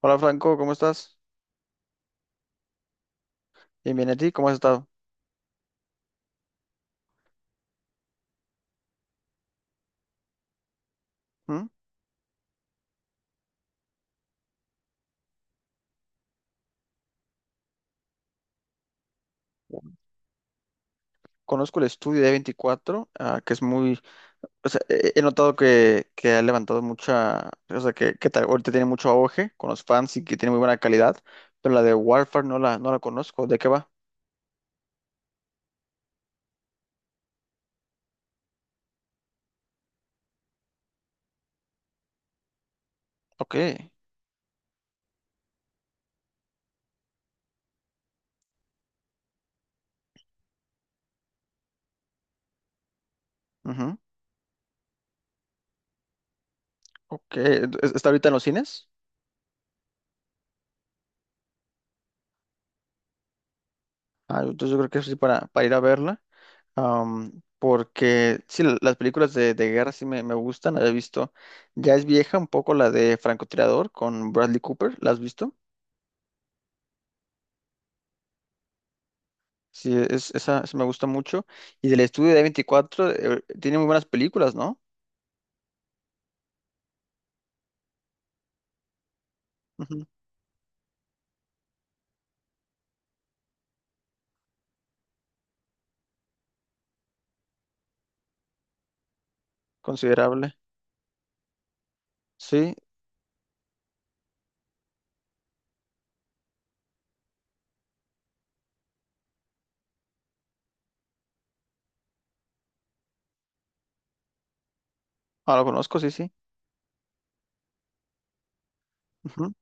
Hola Franco, ¿cómo estás? Bien, bien, ¿a ti? ¿Cómo has estado? ¿Mm? Conozco el estudio de 24, ah, que es muy... O sea, he notado que ha levantado mucha... O sea, ahorita tiene mucho auge con los fans y que tiene muy buena calidad, pero la de Warfare no la conozco. ¿De qué va? Ok. Ujú. Ok. ¿Está ahorita en los cines? Ah, entonces yo creo que eso sí para ir a verla. Porque sí, las películas de guerra sí me gustan, la he visto. Ya es vieja un poco la de Francotirador con Bradley Cooper, ¿la has visto? Sí, esa me gusta mucho. Y del estudio de veinticuatro tiene muy buenas películas, ¿no? Ujú. Considerable. Sí, ah, lo conozco, sí, sí. Ujú.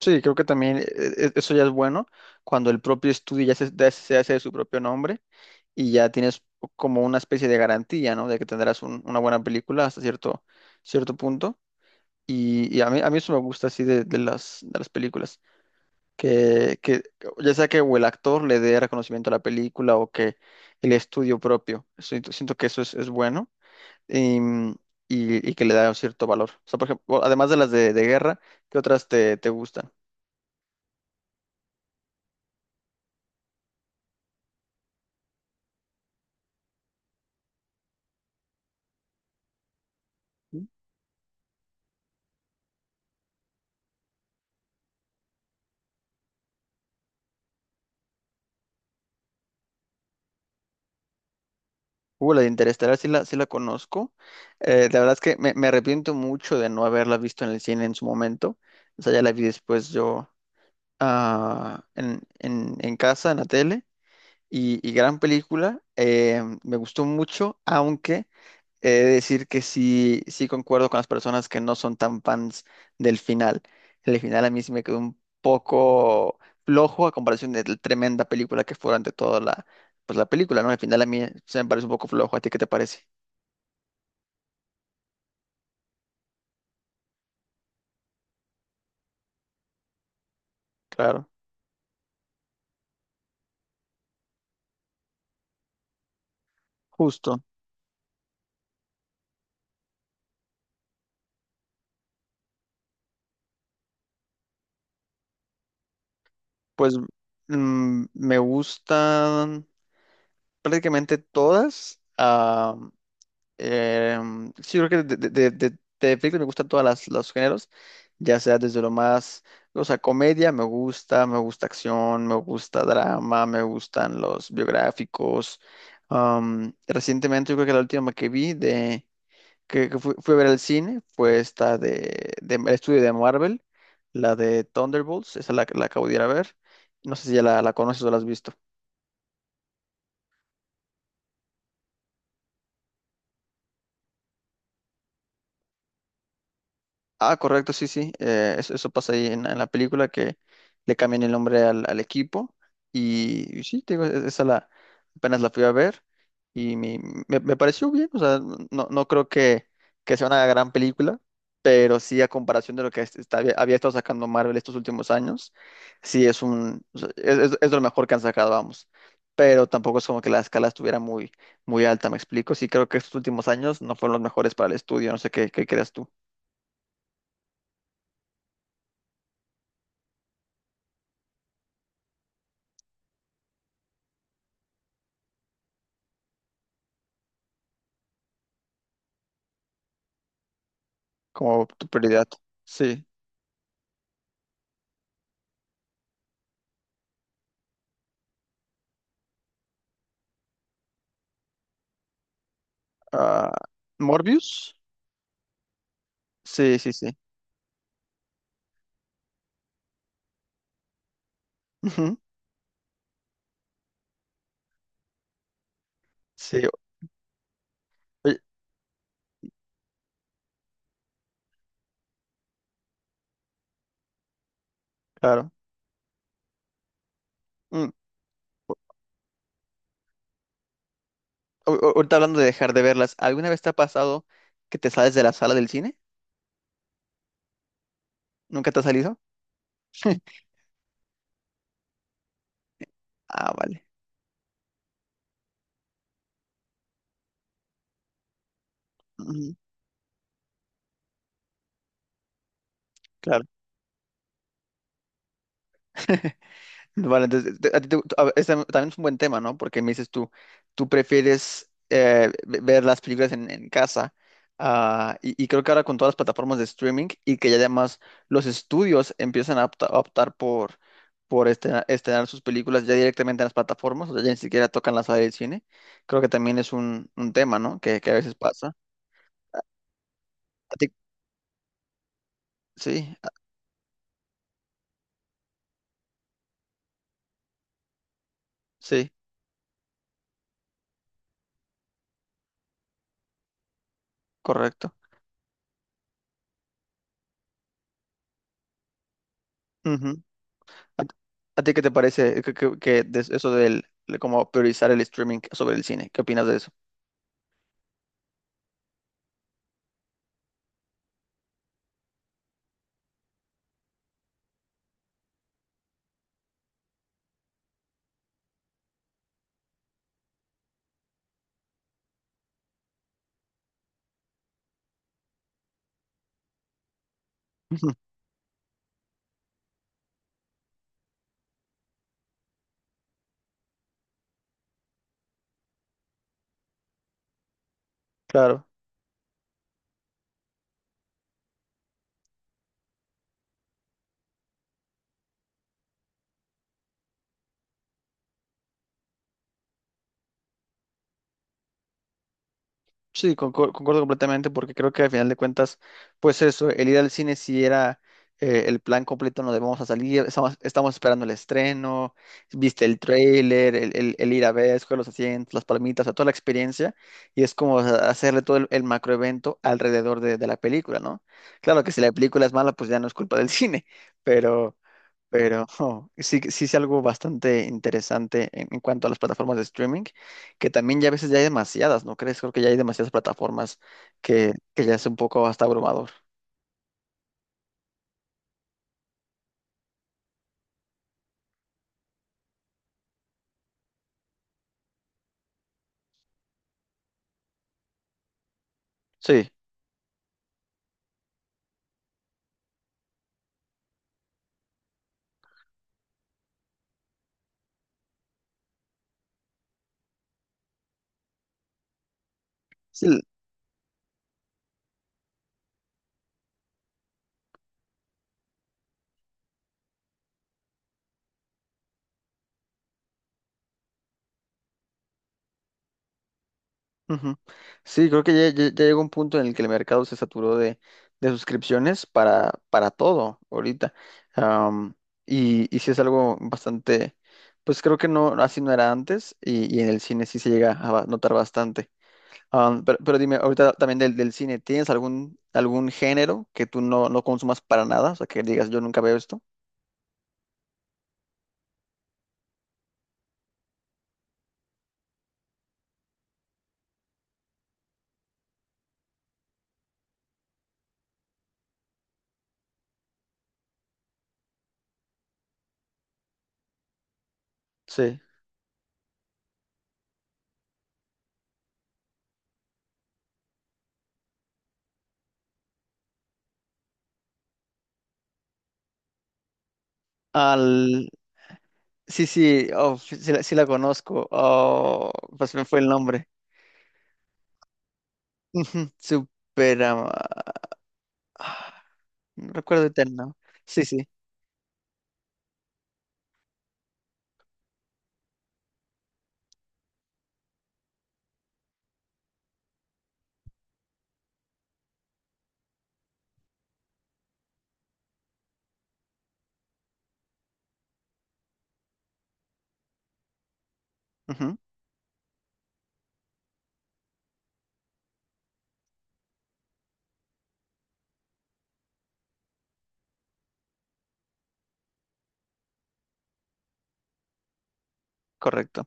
Sí, creo que también eso ya es bueno, cuando el propio estudio ya se hace de su propio nombre y ya tienes como una especie de garantía, ¿no? De que tendrás una buena película hasta cierto punto. Y a mí eso me gusta así de las películas, que ya sea que o el actor le dé reconocimiento a la película o que el estudio propio, siento que eso es bueno y, y que le da un cierto valor. O sea, por ejemplo, además de las de guerra, ¿qué otras te gustan? La de Interestelar sí la conozco. La verdad es que me arrepiento mucho de no haberla visto en el cine en su momento. O sea, ya la vi después yo en casa, en la tele. Y gran película. Me gustó mucho, aunque he de decir que sí, sí concuerdo con las personas que no son tan fans del final. El final a mí sí me quedó un poco flojo a comparación de la tremenda película que fue ante toda pues la película, ¿no? El final a mí se me parece un poco flojo. ¿A ti qué te parece? Claro, justo. Pues me gustan prácticamente todas. Sí, creo que de películas me gustan todas los géneros, ya sea desde lo más, o sea, comedia me gusta acción, me gusta drama, me gustan los biográficos. Recientemente yo creo que la última que vi que fui a ver al cine fue esta de el estudio de Marvel, la de Thunderbolts, esa la acabo de ir a ver. No sé si ya la conoces o la has visto. Ah, correcto, sí, sí. Eso, eso pasa ahí en la película que le cambian el nombre al equipo. Y sí, te digo, apenas la fui a ver y mi- me pareció bien. O sea, no creo que sea una gran película, pero sí a comparación de lo que había estado sacando Marvel estos últimos años, sí es un, o sea, es lo mejor que han sacado, vamos. Pero tampoco es como que la escala estuviera muy alta, ¿me explico? Sí creo que estos últimos años no fueron los mejores para el estudio. No sé qué creas tú. Como tu prioridad. Sí. Ah, Morbius. Sí, sí, sí. Ujú. Sí, oye, claro. Mm. Ahorita hablando de dejar de verlas, ¿alguna vez te ha pasado que te sales de la sala del cine? ¿Nunca te ha salido? Ah, vale. Ujú. Claro. Vale, entonces, te- a ti te- a- este también es un buen tema, ¿no? Porque me dices tú, tú prefieres ver las películas en casa, ah, y creo que ahora con todas las plataformas de streaming y que ya además los estudios empiezan a a optar por estrenar sus películas ya directamente en las plataformas, o sea, ya ni siquiera tocan la sala del cine, creo que también es un tema, ¿no? Que a veces pasa. A ti, sí, a- sí, correcto. ¿A, a ti qué te parece que de eso del, de como priorizar el streaming sobre el cine? ¿Qué opinas de eso? Ujú. Claro. Sí, concuerdo completamente porque creo que al final de cuentas, pues eso, el ir al cine si era el plan completo, no debemos a salir, estamos esperando el estreno, viste el tráiler, el ir a ver, escoger los asientos, las palmitas, o sea, toda la experiencia y es como o hacerle todo el macroevento alrededor de la película, ¿no? Claro que si la película es mala, pues ya no es culpa del cine, pero, pero oh, sí, sí es algo bastante interesante en cuanto a las plataformas de streaming que también ya a veces ya hay demasiadas, ¿no crees? Creo que ya hay demasiadas plataformas que ya es un poco hasta abrumador. Sí, sí, l- ujú. Sí, creo que ya, ya llegó un punto en el que el mercado se saturó de suscripciones para todo ahorita. Am, y sí es algo bastante, pues creo que no, así no era antes y en el cine sí se llega a notar bastante. Pero dime, ahorita también del cine, ¿tienes algún género que tú no consumas para nada? O sea, que digas, yo nunca veo esto. Sí. Al... Sí, sí, oh, sí, sí la conozco. Oh, pues me fue el nombre. Ujú, Supera... ah, no recuerdo ahorita el nombre. Sí, sí. Ujú. Correcto.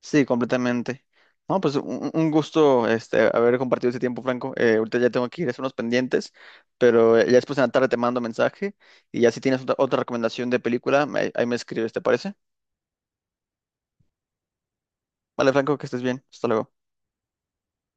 Sí, completamente. No, pues un gusto este, haber compartido ese tiempo, Franco. Ahorita ya tengo que ir a hacer unos pendientes, pero ya después en la tarde te mando mensaje y ya si tienes otra, otra recomendación de película, ahí me escribes, ¿te parece? Vale, Franco, que estés bien. Hasta luego.